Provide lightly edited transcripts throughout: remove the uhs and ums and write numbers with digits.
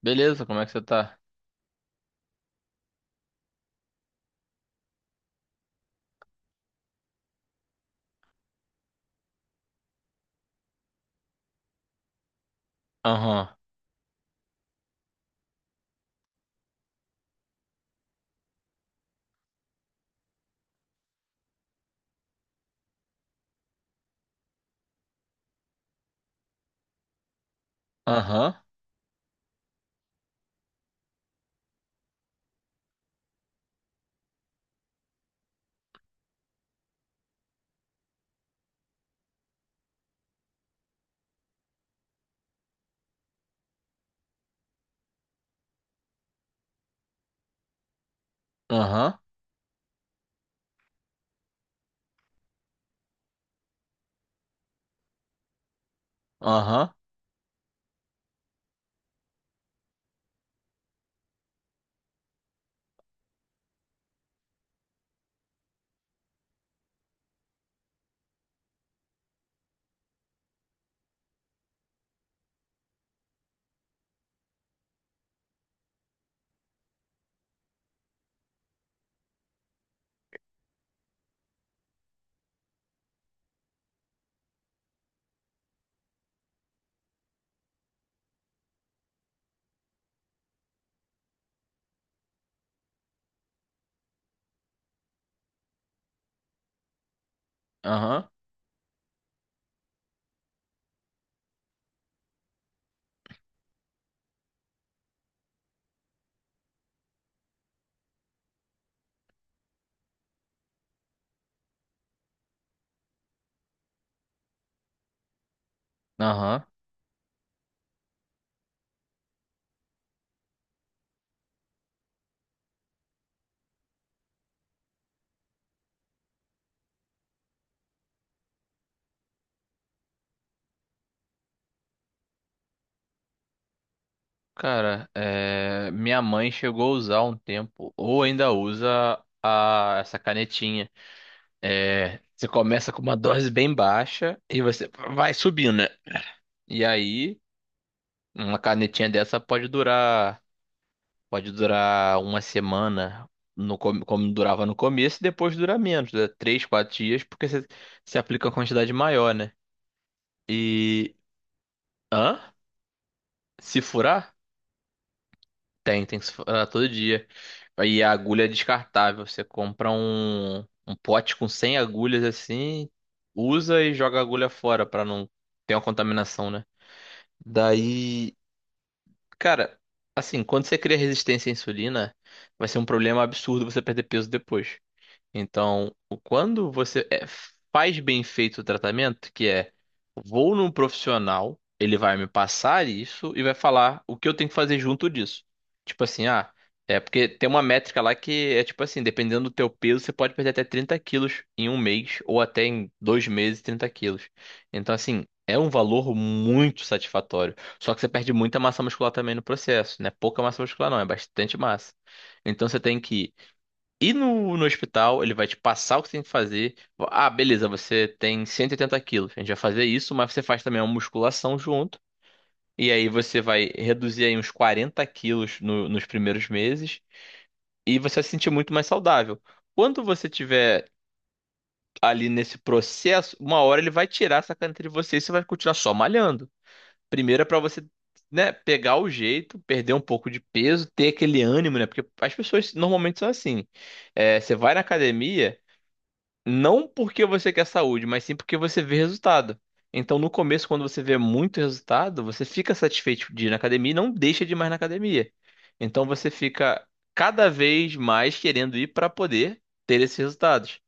Beleza, como é que você tá? Aham, aham, aham, aham, aham, aham. Cara, é, minha mãe chegou a usar um tempo, ou ainda usa a... essa canetinha. É, você começa com uma dose bem baixa e você vai subindo, né? E aí, uma canetinha dessa pode durar uma semana, no... como durava no começo, e depois dura menos, né? Três, quatro dias, porque você aplica uma quantidade maior, né? E. Hã? Se furar? Tem, tem que se furar todo dia. E a agulha é descartável. Você compra um pote com 100 agulhas assim, usa e joga a agulha fora pra não ter uma contaminação, né? Daí, cara, assim, quando você cria resistência à insulina, vai ser um problema absurdo você perder peso depois. Então, quando faz bem feito o tratamento, que é vou num profissional, ele vai me passar isso e vai falar o que eu tenho que fazer junto disso. Tipo assim, ah, é porque tem uma métrica lá que é tipo assim, dependendo do teu peso, você pode perder até 30 quilos em um mês ou até em 2 meses 30 quilos. Então, assim, é um valor muito satisfatório. Só que você perde muita massa muscular também no processo, né? Pouca massa muscular não, é bastante massa. Então você tem que e no hospital, ele vai te passar o que você tem que fazer. Ah, beleza, você tem 180 quilos. A gente vai fazer isso, mas você faz também uma musculação junto. E aí você vai reduzir aí uns 40 quilos nos primeiros meses. E você vai se sentir muito mais saudável. Quando você tiver ali nesse processo, uma hora ele vai tirar essa caneta de você e você vai continuar só malhando. Primeiro é pra você, né, pegar o jeito, perder um pouco de peso, ter aquele ânimo, né? Porque as pessoas normalmente são assim. É, você vai na academia. Não porque você quer saúde, mas sim porque você vê resultado. Então, no começo, quando você vê muito resultado, você fica satisfeito de ir na academia e não deixa de ir mais na academia. Então, você fica cada vez mais querendo ir para poder ter esses resultados.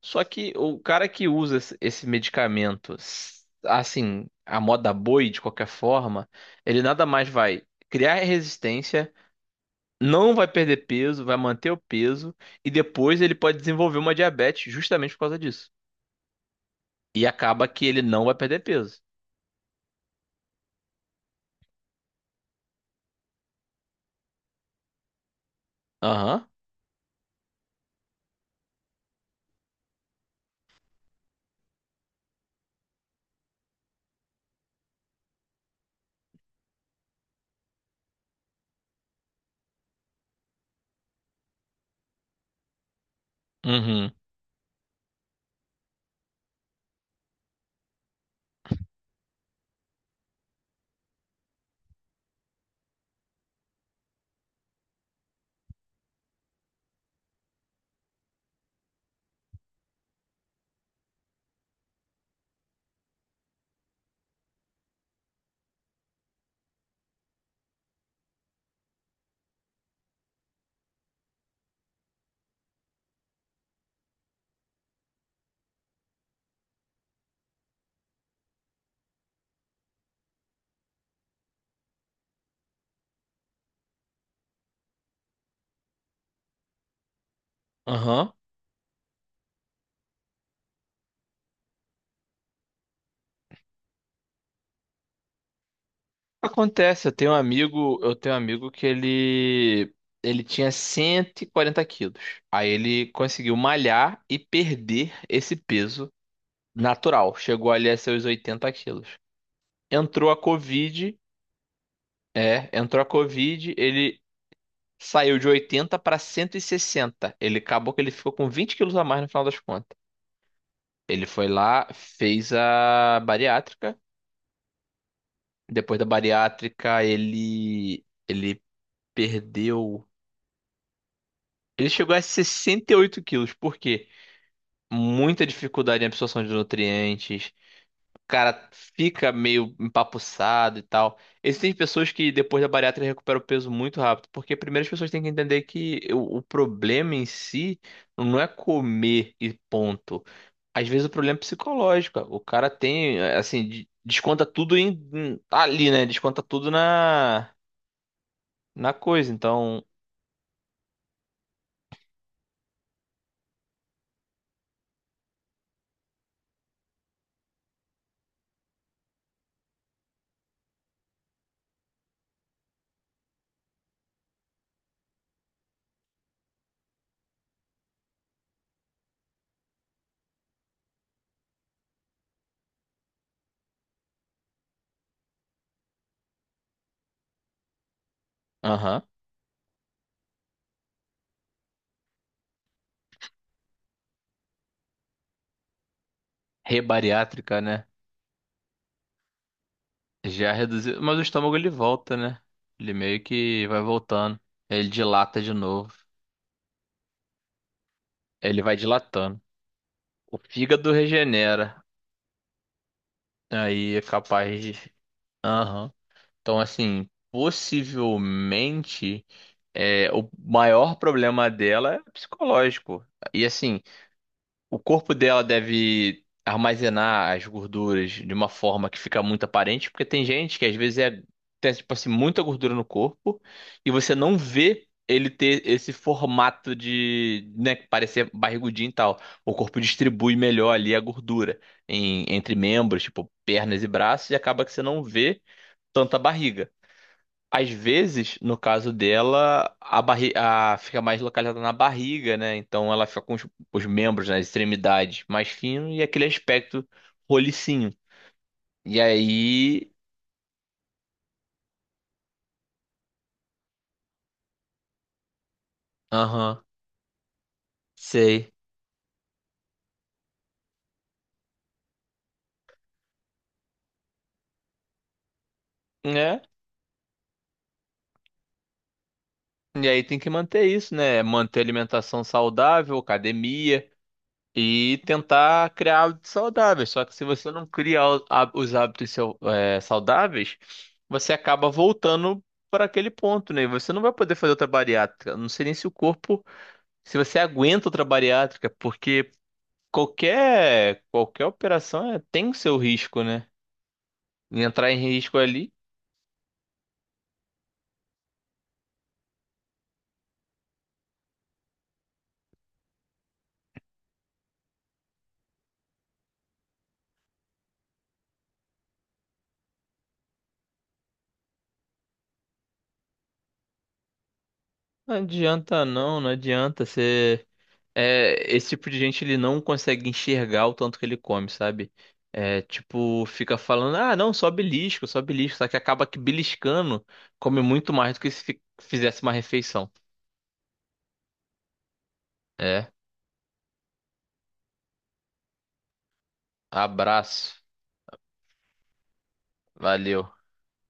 Só que o cara que usa esse medicamento, assim, a moda boi, de qualquer forma, ele nada mais vai criar resistência, não vai perder peso, vai manter o peso e depois ele pode desenvolver uma diabetes justamente por causa disso. E acaba que ele não vai perder peso. Aham. Uhum. Aham. Acontece, eu tenho um amigo que ele tinha 140 quilos. Aí ele conseguiu malhar e perder esse peso natural. Chegou ali a seus 80 quilos. Entrou a Covid, entrou a Covid, ele saiu de 80 para 160. Ele acabou que ele ficou com 20 quilos a mais no final das contas. Ele foi lá, fez a bariátrica. Depois da bariátrica, ele perdeu. Ele chegou a 68 quilos, por quê? Muita dificuldade em absorção de nutrientes. O cara fica meio empapuçado e tal. Existem pessoas que depois da bariátrica recuperam o peso muito rápido, porque primeiro as pessoas têm que entender que o problema em si não é comer e ponto. Às vezes o problema é psicológico. O cara tem, assim, desconta tudo em, ali, né? Desconta tudo na coisa. Então, aham. Rebariátrica, né? Já reduziu. Mas o estômago ele volta, né? Ele meio que vai voltando. Ele dilata de novo. Ele vai dilatando. O fígado regenera. Aí é capaz de. Aham. Então, assim, possivelmente é, o maior problema dela é psicológico. E assim. O corpo dela deve armazenar as gorduras de uma forma que fica muito aparente, porque tem gente que às vezes é, tem, tipo assim, muita gordura no corpo e você não vê ele ter esse formato de, né, parecer barrigudinho e tal. O corpo distribui melhor ali a gordura entre membros, tipo pernas e braços, e acaba que você não vê tanta barriga. Às vezes, no caso dela, a barri a, fica mais localizada na barriga, né? Então ela fica com os membros, nas extremidades mais fino e aquele aspecto rolicinho. E aí. Aham, sei. Né? E aí tem que manter isso, né? Manter alimentação saudável, academia. E tentar criar hábitos saudáveis. Só que se você não cria os hábitos saudáveis, você acaba voltando para aquele ponto, né? E você não vai poder fazer outra bariátrica. Não sei nem se o corpo, se você aguenta outra bariátrica, porque qualquer operação tem o seu risco, né? E entrar em risco ali, não adianta não, não adianta. É, esse tipo de gente ele não consegue enxergar o tanto que ele come, sabe? É, tipo, fica falando, ah, não, só belisco, só belisco, só que acaba que beliscando come muito mais do que se fizesse uma refeição. É, abraço, valeu.